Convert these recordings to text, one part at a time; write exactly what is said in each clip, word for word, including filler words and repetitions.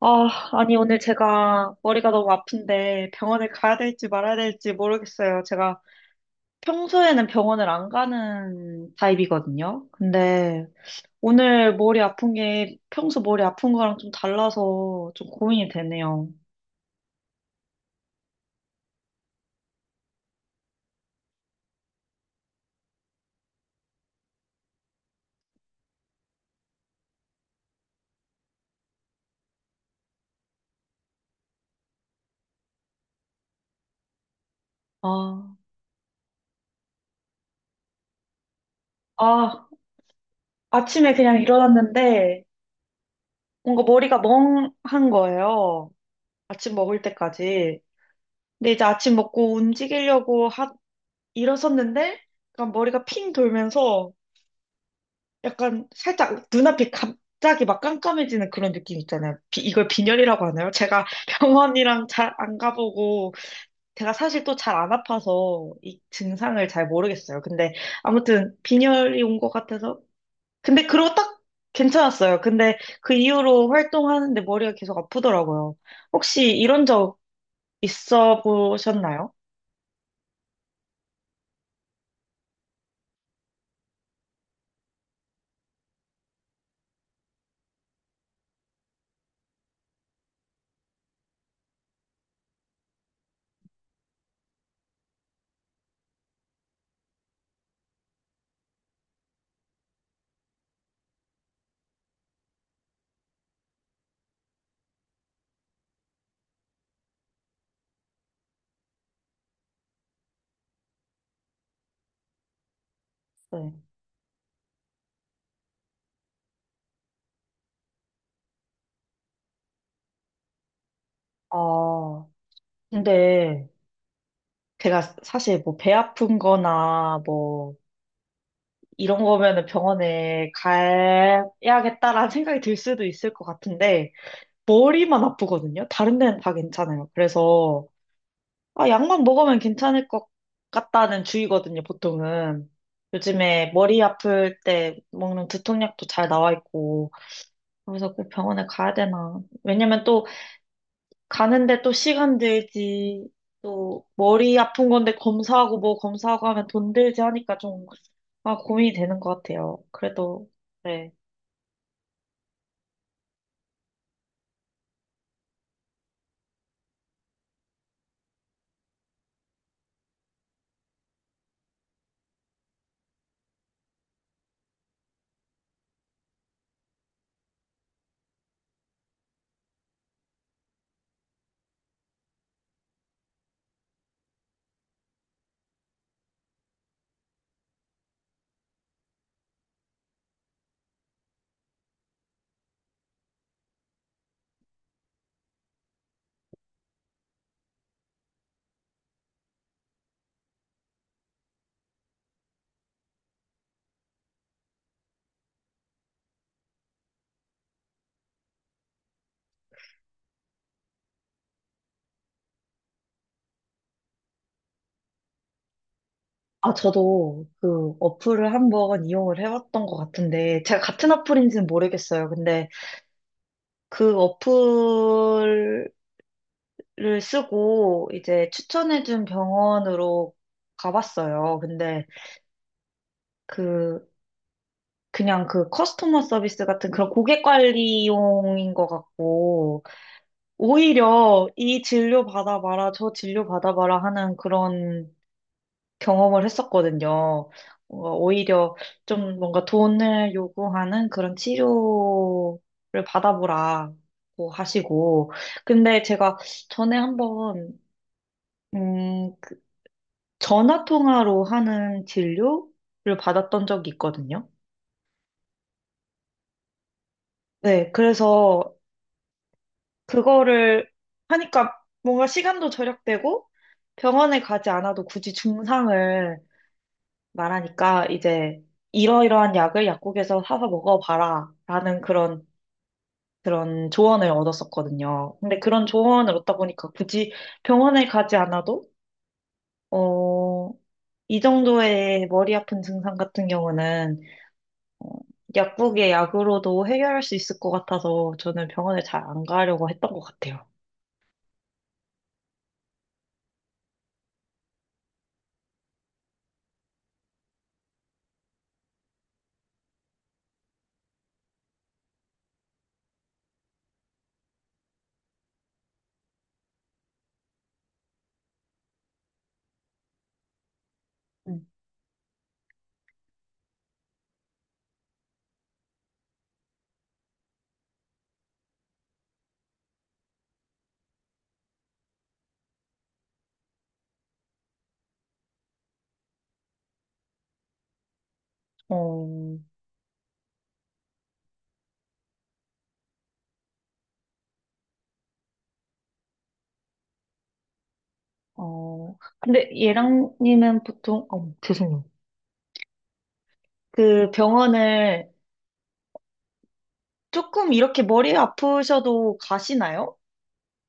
아, 아니, 오늘 제가 머리가 너무 아픈데 병원에 가야 될지 말아야 될지 모르겠어요. 제가 평소에는 병원을 안 가는 타입이거든요. 근데 오늘 머리 아픈 게 평소 머리 아픈 거랑 좀 달라서 좀 고민이 되네요. 아, 아, 아침에 그냥 일어났는데 뭔가 머리가 멍한 거예요. 아침 먹을 때까지. 근데 이제 아침 먹고 움직이려고 하, 일어섰는데 약간 머리가 핑 돌면서 약간 살짝 눈앞이 갑자기 막 깜깜해지는 그런 느낌 있잖아요. 비- 이걸 빈혈이라고 하나요? 제가 병원이랑 잘 안 가보고 제가 사실 또 잘 안 아파서 이 증상을 잘 모르겠어요. 근데 아무튼 빈혈이 온 것 같아서 근데 그러고 딱 괜찮았어요. 근데 그 이후로 활동하는데 머리가 계속 아프더라고요. 혹시 이런 적 있어 보셨나요? 네. 아, 근데 제가 사실 뭐 배 아픈 거나 뭐 이런 거면은 병원에 가야겠다라는 생각이 들 수도 있을 것 같은데, 머리만 아프거든요? 다른 데는 다 괜찮아요. 그래서, 아, 약만 먹으면 괜찮을 것 같다는 주의거든요, 보통은. 요즘에 머리 아플 때 먹는 두통약도 잘 나와 있고, 그래서 꼭 병원에 가야 되나. 왜냐면 또, 가는데 또 시간 들지, 또, 머리 아픈 건데 검사하고 뭐 검사하고 하면 돈 들지 하니까 좀, 아, 고민이 되는 것 같아요. 그래도, 네. 아, 저도 그 어플을 한번 이용을 해봤던 것 같은데, 제가 같은 어플인지는 모르겠어요. 근데 그 어플을 쓰고 이제 추천해준 병원으로 가봤어요. 근데 그, 그냥 그 커스터머 서비스 같은 그런 고객 관리용인 것 같고, 오히려 이 진료 받아봐라, 저 진료 받아봐라 하는 그런 경험을 했었거든요. 뭔가 오히려 좀 뭔가 돈을 요구하는 그런 치료를 받아보라고 하시고. 근데 제가 전에 한번, 음, 그 전화 통화로 하는 진료를 받았던 적이 있거든요. 네, 그래서 그거를 하니까 뭔가 시간도 절약되고 병원에 가지 않아도 굳이 증상을 말하니까 이제 이러이러한 약을 약국에서 사서 먹어봐라 라는 그런 그런 조언을 얻었었거든요. 근데 그런 조언을 얻다 보니까 굳이 병원에 가지 않아도 어, 이 정도의 머리 아픈 증상 같은 경우는 어, 약국의 약으로도 해결할 수 있을 것 같아서 저는 병원에 잘 안 가려고 했던 것 같아요. 음. 어, 어, 근데 예랑님은 보통, 어, 죄송해요. 그 병원을 조금 이렇게 머리 아프셔도 가시나요?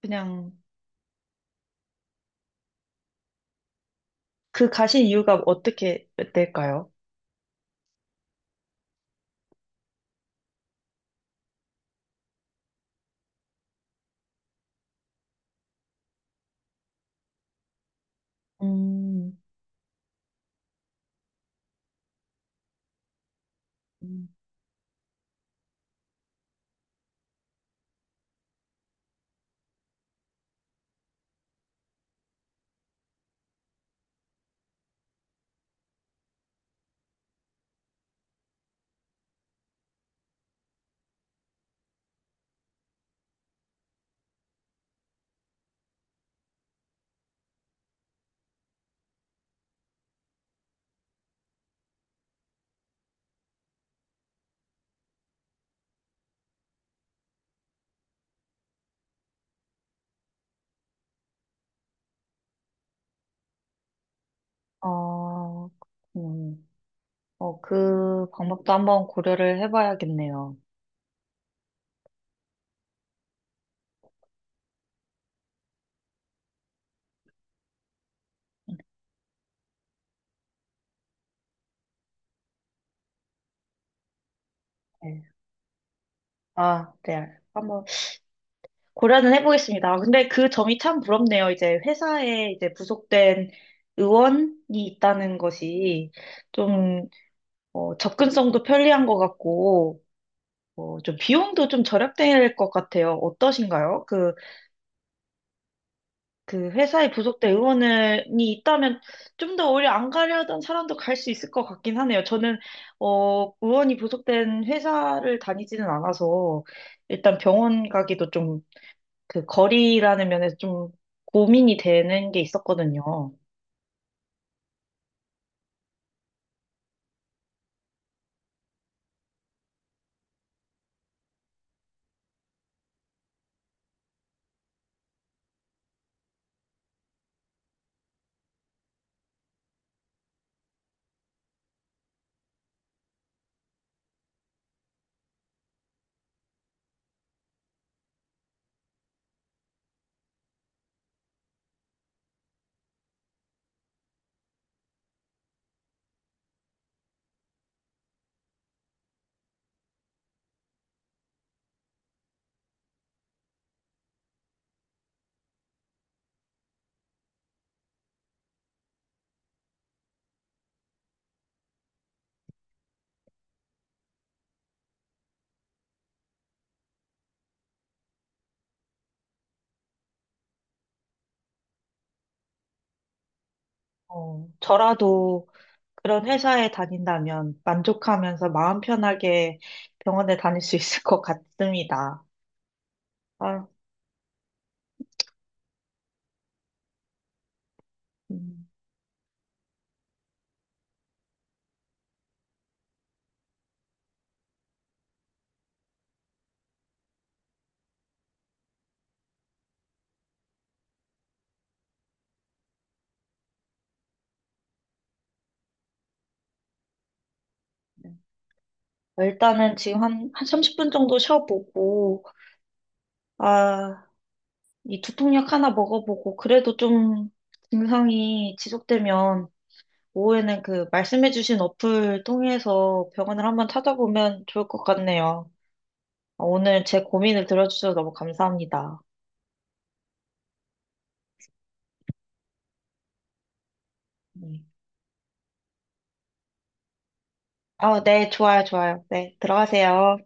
그냥 그 가신 이유가 어떻게 될까요? 음, 음. 어, 음, 어, 그 방법도 한번 고려를 해봐야겠네요. 네. 아, 네. 한번 고려는 해보겠습니다. 아, 근데 그 점이 참 부럽네요. 이제 회사에 이제 부속된 의원이 있다는 것이 좀 어, 접근성도 편리한 것 같고 어, 좀 비용도 좀 절약될 것 같아요. 어떠신가요? 그 그 회사에 부속된 의원이 있다면 좀 더 오히려 안 가려던 사람도 갈 수 있을 것 같긴 하네요. 저는 어 의원이 부속된 회사를 다니지는 않아서 일단 병원 가기도 좀 그 거리라는 면에서 좀 고민이 되는 게 있었거든요. 어, 저라도 그런 회사에 다닌다면 만족하면서 마음 편하게 병원에 다닐 수 있을 것 같습니다. 아, 음. 네. 어, 일단은 지금 한, 한 삼십 분 정도 쉬어보고 아, 이 두통약 하나 먹어보고, 그래도 좀 증상이 지속되면, 오후에는 그 말씀해주신 어플 통해서 병원을 한번 찾아보면 좋을 것 같네요. 아, 오늘 제 고민을 들어주셔서 너무 감사합니다. 네. 아, 네, 좋아요, 좋아요. 네, 들어가세요.